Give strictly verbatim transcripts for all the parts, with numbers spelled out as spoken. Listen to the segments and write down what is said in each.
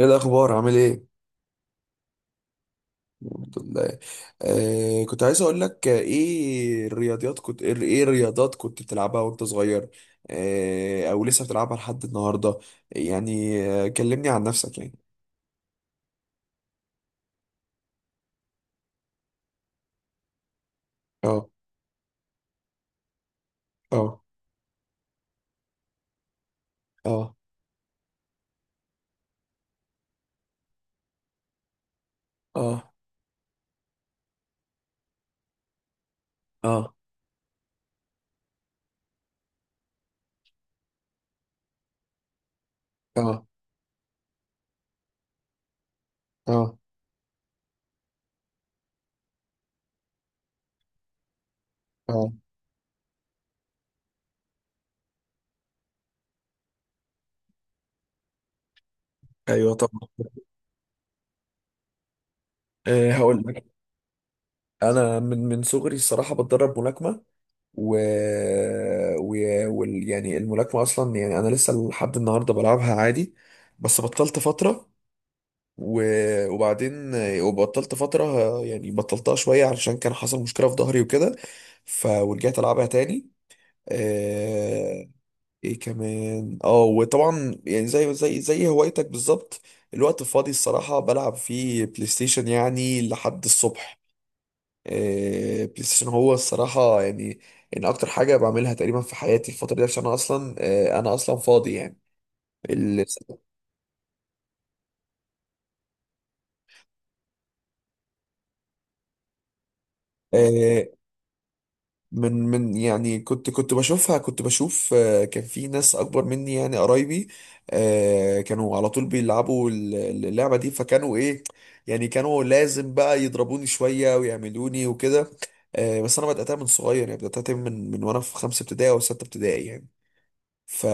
ايه الاخبار؟ عامل ايه؟ الحمد لله. آه كنت عايز اقول لك، آه، ايه الرياضيات كنت ايه إيه الرياضات كنت بتلعبها وانت صغير؟ آه او لسه بتلعبها لحد النهارده؟ يعني آه كلمني عن نفسك يعني. اه. اه. اه. اه. اه. اه. اه. اه. ايوه طبعا. آه هقول لك. انا من من صغري الصراحه بتدرب ملاكمه و, و... وال... يعني الملاكمه اصلا، يعني انا لسه لحد النهارده بلعبها عادي، بس بطلت فتره. و- وبعدين، آه، وبطلت فترة، آه، يعني بطلتها شوية علشان كان حصل مشكلة في ظهري وكده. ف ورجعت ألعبها تاني. آه، ايه كمان، اه وطبعا يعني زي زي زي هوايتك بالظبط. الوقت الفاضي، الصراحة بلعب فيه بلاي ستيشن يعني لحد الصبح. آه، بلاي ستيشن هو الصراحة يعني ان اكتر حاجة بعملها تقريبا في حياتي الفترة دي، عشان انا اصلا، آه، انا اصلا فاضي يعني. ال- آه، من من يعني كنت كنت بشوفها، كنت بشوف، آه، كان في ناس اكبر مني يعني قرايبي. آه، كانوا على طول بيلعبوا ال- اللعبة دي، فكانوا ايه؟ يعني كانوا لازم بقى يضربوني شوية ويعملوني وكده. آه، بس انا بدأتها من صغير، يعني بدأتها من من وانا في خمسة ابتدائي او ستة ابتدائي يعني. ف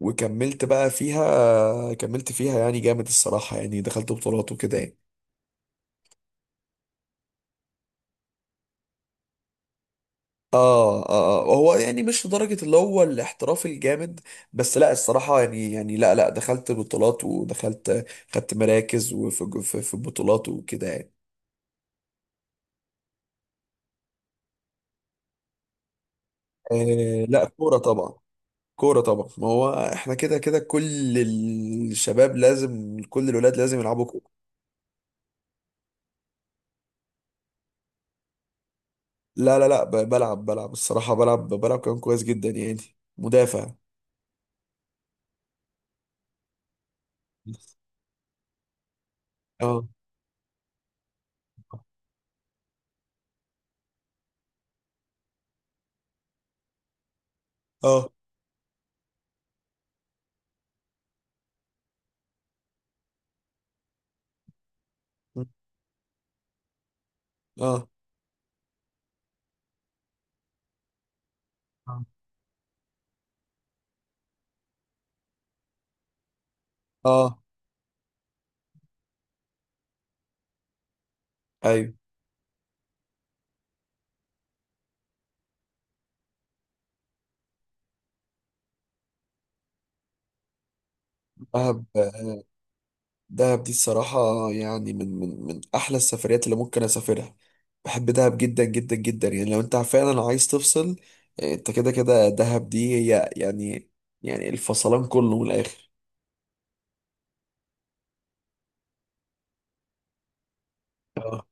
وكملت بقى فيها، كملت فيها يعني جامد الصراحة، يعني دخلت بطولات وكده يعني. آه, اه اه هو يعني مش لدرجة اللي هو الاحتراف الجامد، بس لا، الصراحة يعني، يعني لا لا، دخلت بطولات ودخلت، خدت مراكز، وفي في, في بطولات وكده يعني. آه لا، كورة طبعا. كورة طبعا، ما هو احنا كده كده كل الشباب لازم، كل الولاد لازم يلعبوا كورة. لا لا لا، ب- بلعب، بلعب الصراحة بلعب، بلعب كمان كويس جدا يعني. مدافع. اه. اه. اه. اه. ايوه بلعب. دهب دي الصراحة يعني من من من أحلى السفريات اللي ممكن أسافرها. بحب دهب جدا جدا جدا يعني، لو أنت فعلا عايز تفصل، آه، أنت كده كده دهب دي هي يعني. يعني الفصلان كله من الآخر. اه،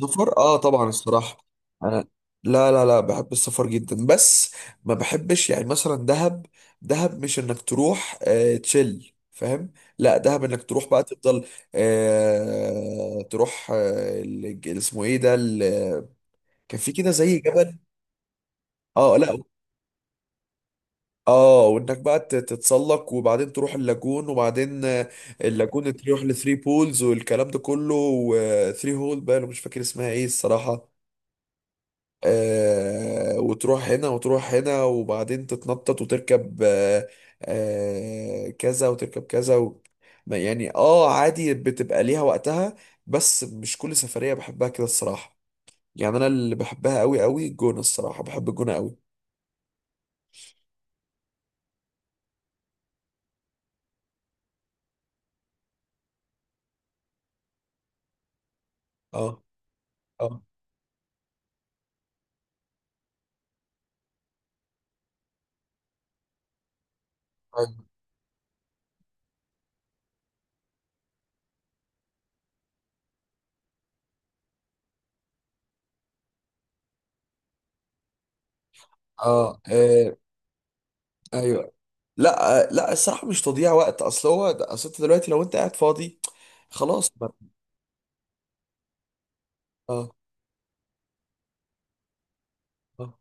سفر، اه طبعا الصراحة انا. لا لا لا، بحب السفر جدا، بس ما بحبش يعني مثلا دهب. دهب مش انك تروح آه تشيل، فاهم؟ لا، دهب انك تروح بقى تفضل، آه تروح، آه ال- اسمه ايه ده، كان في كده زي جبل. اه، لا. اه، وانك بقى تت- تتسلق، وبعدين تروح اللاجون، وبعدين، آه، اللاجون تروح لثري بولز والكلام ده كله، وثري هول بقى، أنا مش فاكر اسمها ايه الصراحة. آه وتروح هنا وتروح هنا، وبعدين تتنطط وتركب، آه آه كذا وتركب كذا و... ما- يعني، اه، عادي بتبقى ليها وقتها، بس مش كل سفرية بحبها كده الصراحة. يعني انا اللي بحبها قوي قوي الجونة، الصراحة بحب الجونة قوي. اه. اه. اه. آه، ايوه. لا، آه، لا، الصراحه مش تضييع وقت، اصل هو ده- اصل انت دلوقتي لو انت قاعد فاضي، خلاص بقى. اه. آه.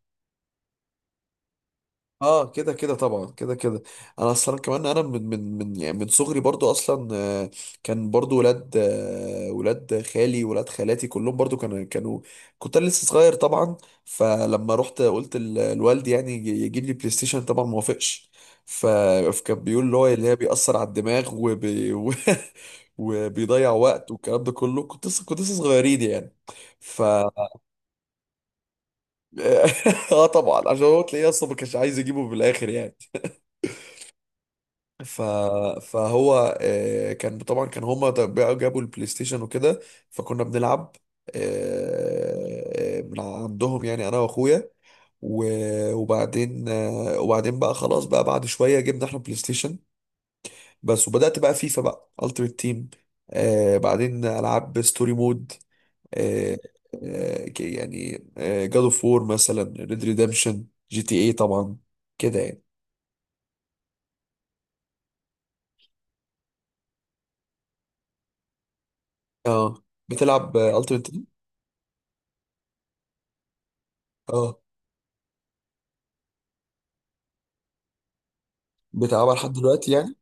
اه كده كده طبعا، كده كده انا اصلا كمان انا من من من يعني من صغري برضو اصلا، آه، كان برضو ولاد، آه، ولاد خالي، ولاد خالاتي كلهم برضو كانوا كانوا، كنت أنا لسه صغير طبعا. فلما رحت قلت ل- لوالدي يعني يجي- يجيب لي بلاي ستيشن، طبعا ما وافقش. ف- فكان بيقول اللي هو اللي هي بيأثر على الدماغ وبي و- وبيضيع وقت، والكلام ده كله، كنت لسه كنت لسه صغيرين يعني. ف اه طبعا، عشان هو تلاقيه اصلا ما كانش عايز يجيبه بالاخر يعني. ف... فهو، آه، كان طبعا، كان هما ده- بقى جابوا البلاي ستيشن وكده، فكنا بنلعب، آه، آه، من عندهم، يعني انا واخويا. و- وبعدين، آه، وبعدين بقى خلاص بقى، بعد شويه جبنا احنا بلاي ستيشن بس، وبدات بقى فيفا، بقى التيمت تيم. بعدين العاب ستوري مود، آه، آه، ك- يعني جاد اوف وور مثلا، ريد ريدمشن، جي تي اي طبعا، كده يعني. اه بتلعب التيمت تيم؟ بتلعبها لحد دلوقتي يعني؟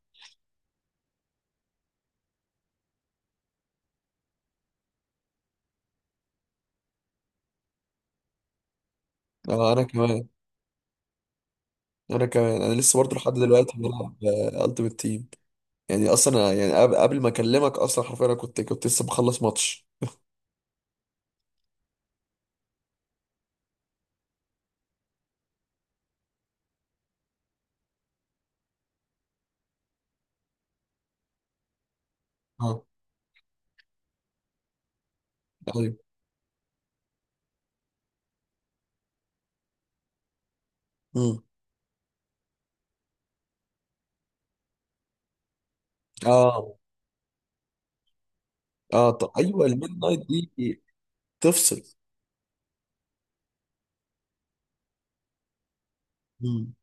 اه انا كمان، انا كمان، انا لسه برضه لحد دلوقتي بلعب التيمت تيم. يعني اصلا أنا- يعني قبل قبل ما اكلمك اصلا، حرفيا انا كنت كنت لسه مخلص ماتش. اه. ايوه. امم. اه. اه. طب ايوه، الميد نايت دي تفصل. امم.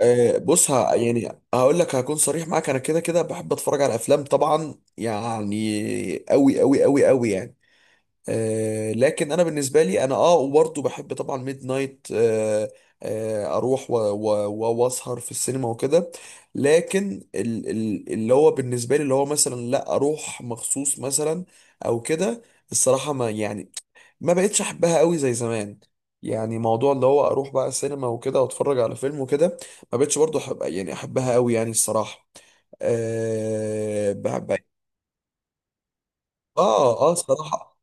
آه بص، ه... يعني هقول لك، هكون صريح معاك، انا كده كده بحب اتفرج على افلام طبعا، يعني قوي قوي قوي قوي يعني. آه، لكن انا بالنسبه لي، انا اه وبرضه بحب طبعا ميد نايت، آه، آه، اروح و- و- و- واسهر في السينما وكده، لكن ال- ال- اللي هو بالنسبه لي، اللي هو مثلا لا اروح مخصوص مثلا او كده، الصراحه ما يعني، ما بقتش احبها قوي زي زمان. يعني موضوع اللي هو اروح بقى السينما وكده واتفرج على فيلم وكده، ما بقتش برضه احب، يعني احبها قوي يعني الصراحه. آه بحب. اه اه الصراحه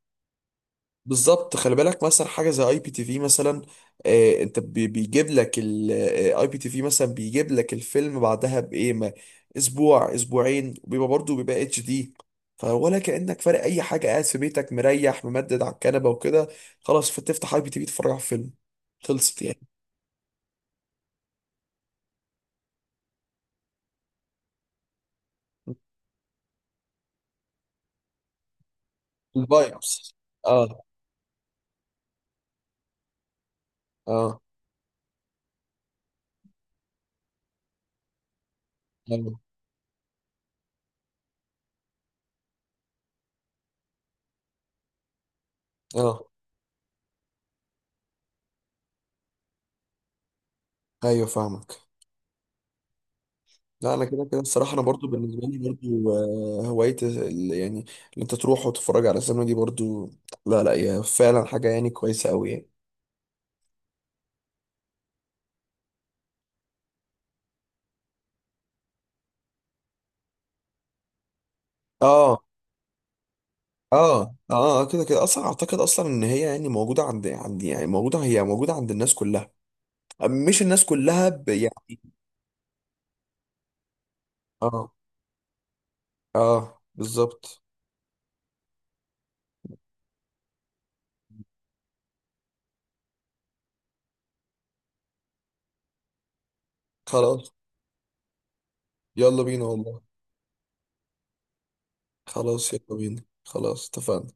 بالظبط. خلي بالك مثلا حاجه زي اي بي تي في مثلا. آه انت بي- بيجيب لك الاي بي تي في مثلا، بيجيب لك الفيلم بعدها بايه، ما اسبوع اسبوعين، وبيبقى برضه بيبقى اتش دي، فولا كانك فارق اي حاجه، قاعد في بيتك مريح ممدد على الكنبه وكده، خلاص، فتفتح اي بي تي في تتفرج على فيلم، خلصت يعني. الفايبس. اه. اه. اه. اه. ايوه فاهمك. لا انا كده كده الصراحه، انا برضو بالنسبه لي برضو، آه، هوايه ال- يعني اللي انت تروح وتتفرج على سينما دي برضو، لا لا، هي فعلا حاجه يعني كويسه قوي يعني. اه. اه. اه. آه، كده كده اصلا اعتقد اصلا ان هي يعني موجوده عند عند يعني موجوده، هي موجوده عند الناس كلها، مش الناس كلها ب... يعني. اه اه بالظبط. خلاص يلا بينا والله. خلاص يلا بينا، خلاص اتفقنا.